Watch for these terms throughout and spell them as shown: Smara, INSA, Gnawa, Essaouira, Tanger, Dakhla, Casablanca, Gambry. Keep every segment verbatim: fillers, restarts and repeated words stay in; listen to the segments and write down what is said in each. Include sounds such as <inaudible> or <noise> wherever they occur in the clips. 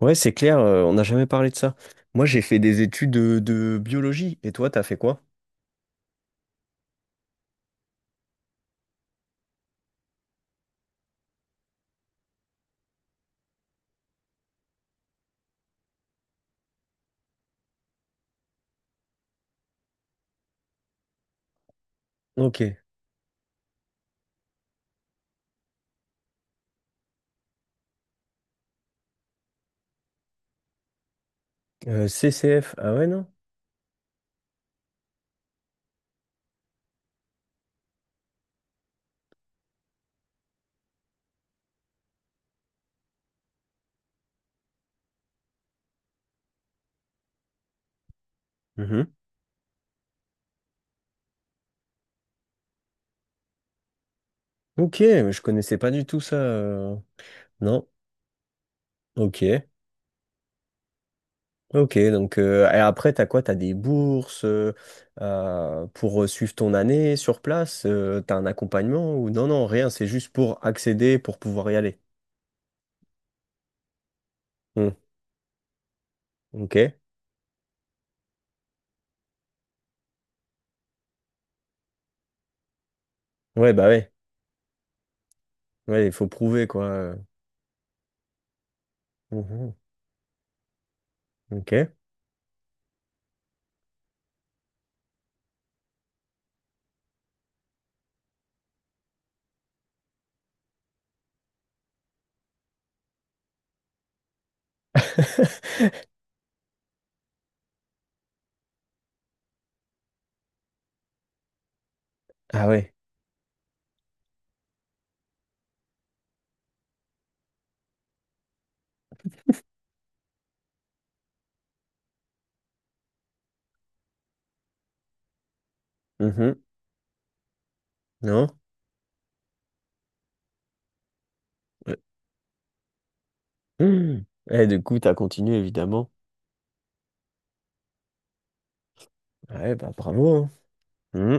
Ouais, c'est clair, euh, on n'a jamais parlé de ça. Moi, j'ai fait des études de, de biologie. Et toi, t'as fait quoi? Ok. Euh, C C F. Ah ouais, non? Mhm. Ok, mais je connaissais pas du tout ça. euh. Non. Ok. Ok, donc euh, et après, t'as quoi? T'as des bourses euh, euh, pour suivre ton année sur place? Euh, t'as un accompagnement ou non, non, rien, c'est juste pour accéder, pour pouvoir y aller. Hmm, ok. Ouais, bah ouais. Ouais, il faut prouver, quoi. euh. Mhm, ok. <laughs> Ah ouais. Mhm. Non? Ouais. Mmh. Et du coup, t'as continué, évidemment. Ouais, bah bravo, hein. Mmh.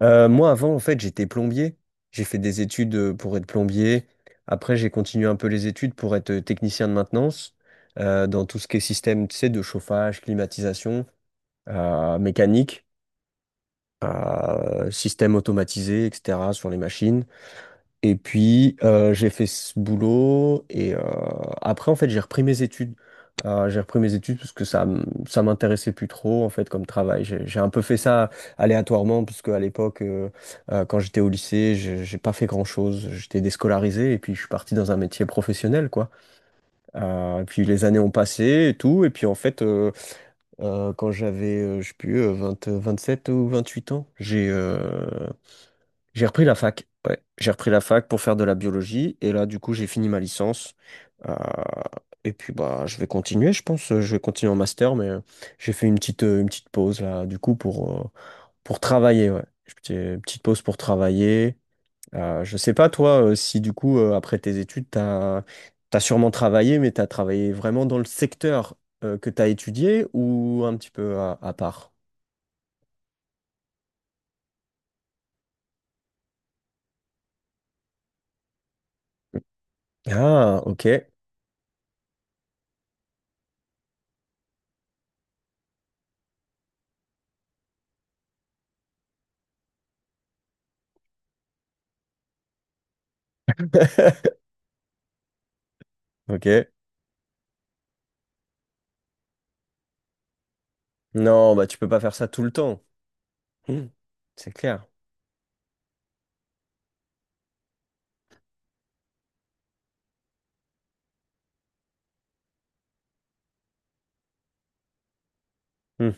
Euh, moi, avant, en fait, j'étais plombier. J'ai fait des études euh, pour être plombier. Après, j'ai continué un peu les études pour être euh, technicien de maintenance euh, dans tout ce qui est système, tu sais, de chauffage, climatisation, euh, mécanique, euh, système automatisé, et cetera, sur les machines. Et puis, euh, j'ai fait ce boulot. Et euh, après, en fait, j'ai repris mes études. Euh, j'ai repris mes études parce que ça, m- ça m'intéressait plus trop, en fait, comme travail. J'ai j'ai un peu fait ça aléatoirement, parce qu'à l'époque, euh, euh, quand j'étais au lycée, j'ai j'ai pas fait grand-chose. J'étais déscolarisé et puis je suis parti dans un métier professionnel, quoi. Euh, et puis les années ont passé et tout. Et puis, en fait, euh, euh, quand j'avais, euh, je sais plus, euh, vingt, vingt-sept ou vingt-huit ans, j'ai euh, j'ai repris la fac. Ouais, j'ai repris la fac pour faire de la biologie et là du coup j'ai fini ma licence. Euh, et puis bah je vais continuer, je pense. Je vais continuer en master, mais euh, j'ai fait une petite euh, une petite pause là du coup pour euh, pour travailler. Ouais, J'ai- petite pause pour travailler. Euh, je sais pas toi, euh, si du coup euh, après tes études t'as t'as sûrement travaillé, mais t'as travaillé vraiment dans le secteur euh, que t'as étudié ou un petit peu à à part. Ah ok. <laughs> Ok. Non, bah tu peux pas faire ça tout le temps. Hmm. C'est clair. Hmm.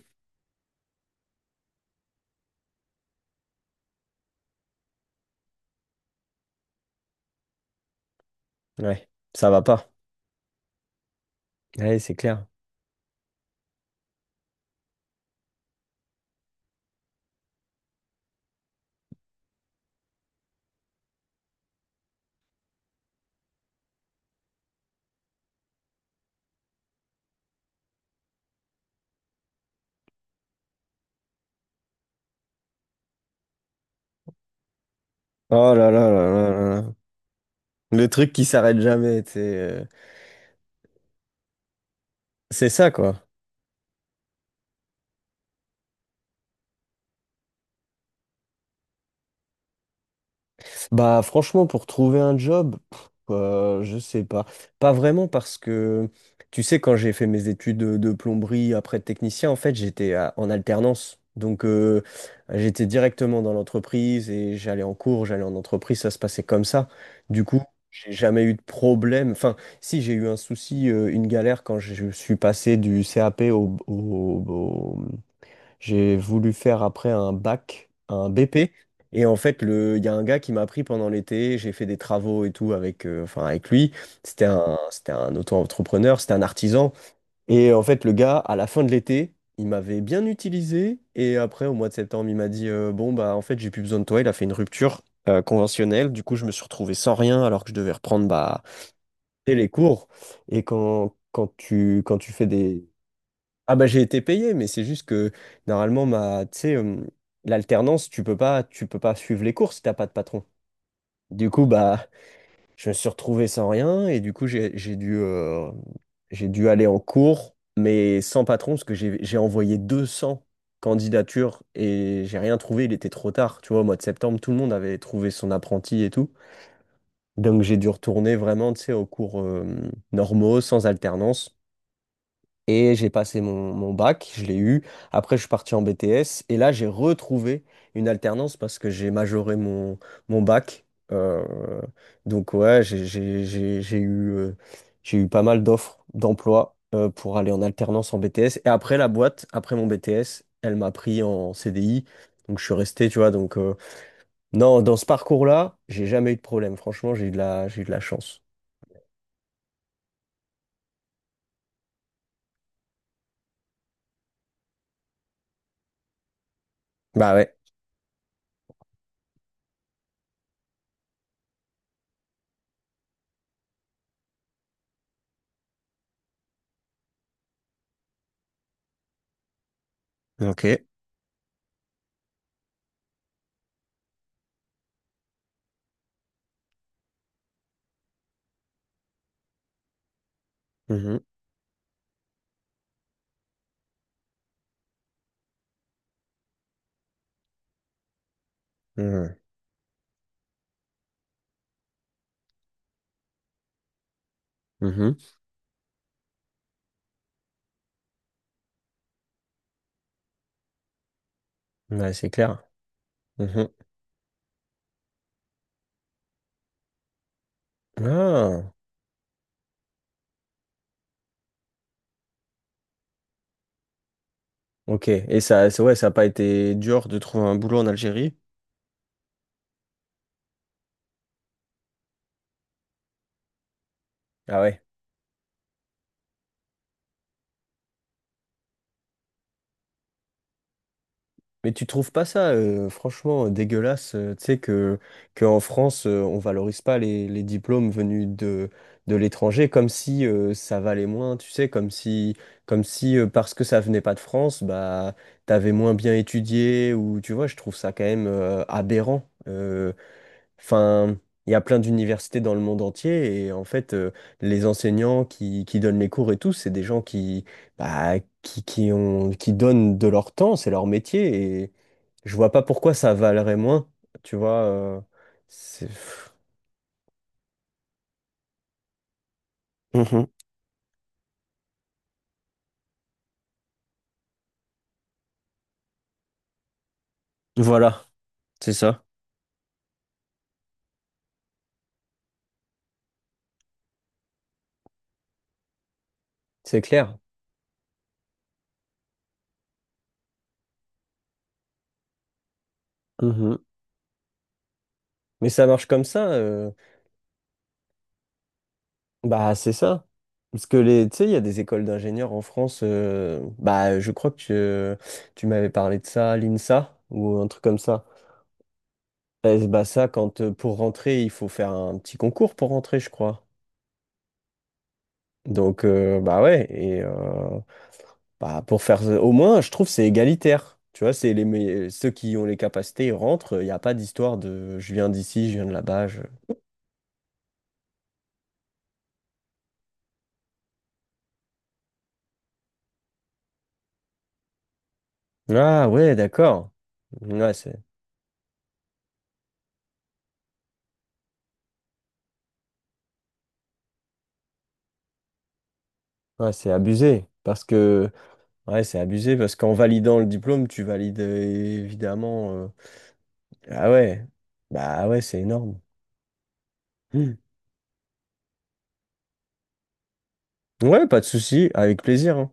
Ouais, ça va pas. Ouais, c'est clair. Oh là là là là là là. Le truc qui s'arrête jamais, tu sais, euh, c'est ça, quoi. Bah franchement, pour trouver un job, pff, euh, je sais pas. Pas vraiment parce que, tu sais, quand j'ai fait mes études de, de plomberie après de technicien, en fait, j'étais à- en alternance. Donc, euh, j'étais directement dans l'entreprise et j'allais en cours, j'allais en entreprise, ça se passait comme ça. Du coup, j'ai jamais eu de problème. Enfin, si j'ai eu un souci, euh, une galère quand je suis passé du C A P au, au, j'ai voulu faire après un bac, un B P. Et en fait, le, il y a un gars qui m'a appris pendant l'été, j'ai fait des travaux et tout avec, euh, enfin avec lui. C'était un, c'était un auto-entrepreneur, c'était un artisan. Et en fait, le gars, à la fin de l'été, il m'avait bien utilisé. Et après, au mois de septembre, il m'a dit, euh, bon, bah en fait, j'ai plus besoin de toi. Il a fait une rupture euh, conventionnelle. Du coup, je me suis retrouvé sans rien alors que je devais reprendre bah, dès les cours. Et quand, quand tu, quand tu fais des… Ah bah j'ai été payé, mais c'est juste que normalement ma, tu sais, euh, l'alternance, tu peux pas, tu peux pas suivre les cours si t'as pas de patron. Du coup bah je me suis retrouvé sans rien et du coup j'ai j'ai dû euh, j'ai dû aller en cours, mais sans patron parce que j'ai j'ai envoyé deux cents candidatures et j'ai rien trouvé. Il était trop tard, tu vois. Au mois de septembre, tout le monde avait trouvé son apprenti et tout, donc j'ai dû retourner vraiment, tu sais, aux cours euh, normaux sans alternance. Et j'ai passé mon, mon bac, je l'ai eu. Après, je suis parti en B T S. Et là, j'ai retrouvé une alternance parce que j'ai majoré mon, mon bac. Euh, donc, ouais, j'ai j'ai- j'ai- j'ai eu, euh, j'ai eu pas mal d'offres d'emploi euh, pour aller en alternance en B T S. Et après, la boîte, après mon B T S, elle m'a pris en C D I. Donc, je suis resté, tu vois. Donc, euh, non, dans ce parcours-là, j'ai jamais eu de problème. Franchement, j'ai eu de la, j'ai eu de la chance. Bah ouais. Ok. Mhm. Mhm. Mhm. Ouais, c'est clair. Mhm. Ah, ok. Et ça, ça- ouais, ça n'a pas été dur de trouver un boulot en Algérie. Ah ouais. Mais tu trouves pas ça, euh, franchement, dégueulasse, euh, tu sais, que, que en France, euh, on valorise pas les, les diplômes venus de, de l'étranger comme si euh, ça valait moins, tu sais, comme si, comme si euh, parce que ça venait pas de France, bah, t'avais moins bien étudié, ou tu vois, je trouve ça quand même euh, aberrant. euh, Enfin, il y a plein d'universités dans le monde entier et en fait, euh, les enseignants qui, qui donnent les cours et tout, c'est des gens qui, bah, qui, qui ont, qui donnent de leur temps, c'est leur métier et je vois pas pourquoi ça valerait moins, tu vois. Euh, c'est… Mhm. Voilà, c'est ça. C'est clair. Mhm. Mais ça marche comme ça. euh, Bah, c'est ça. Parce que les, tu sais, il y a des écoles d'ingénieurs en France. euh, Bah, je crois que tu, tu m'avais parlé de ça, l'INSA, ou un truc comme ça. Eh, bah ça, quand euh, pour rentrer, il faut faire un petit concours pour rentrer, je crois. Donc euh, bah ouais, et euh, bah pour faire au moins, je trouve que c'est égalitaire. Tu vois, c'est les me- ceux qui ont les capacités, ils rentrent. Il n'y a pas d'histoire de je viens d'ici, je viens de là-bas. je- Ah ouais, d'accord. Ouais, c'est ouais, c'est abusé parce que ouais, c'est abusé parce qu'en validant le diplôme, tu valides euh, évidemment. euh, Ah ouais, bah ouais, c'est énorme. Hmm. Ouais, pas de souci, avec plaisir, hein.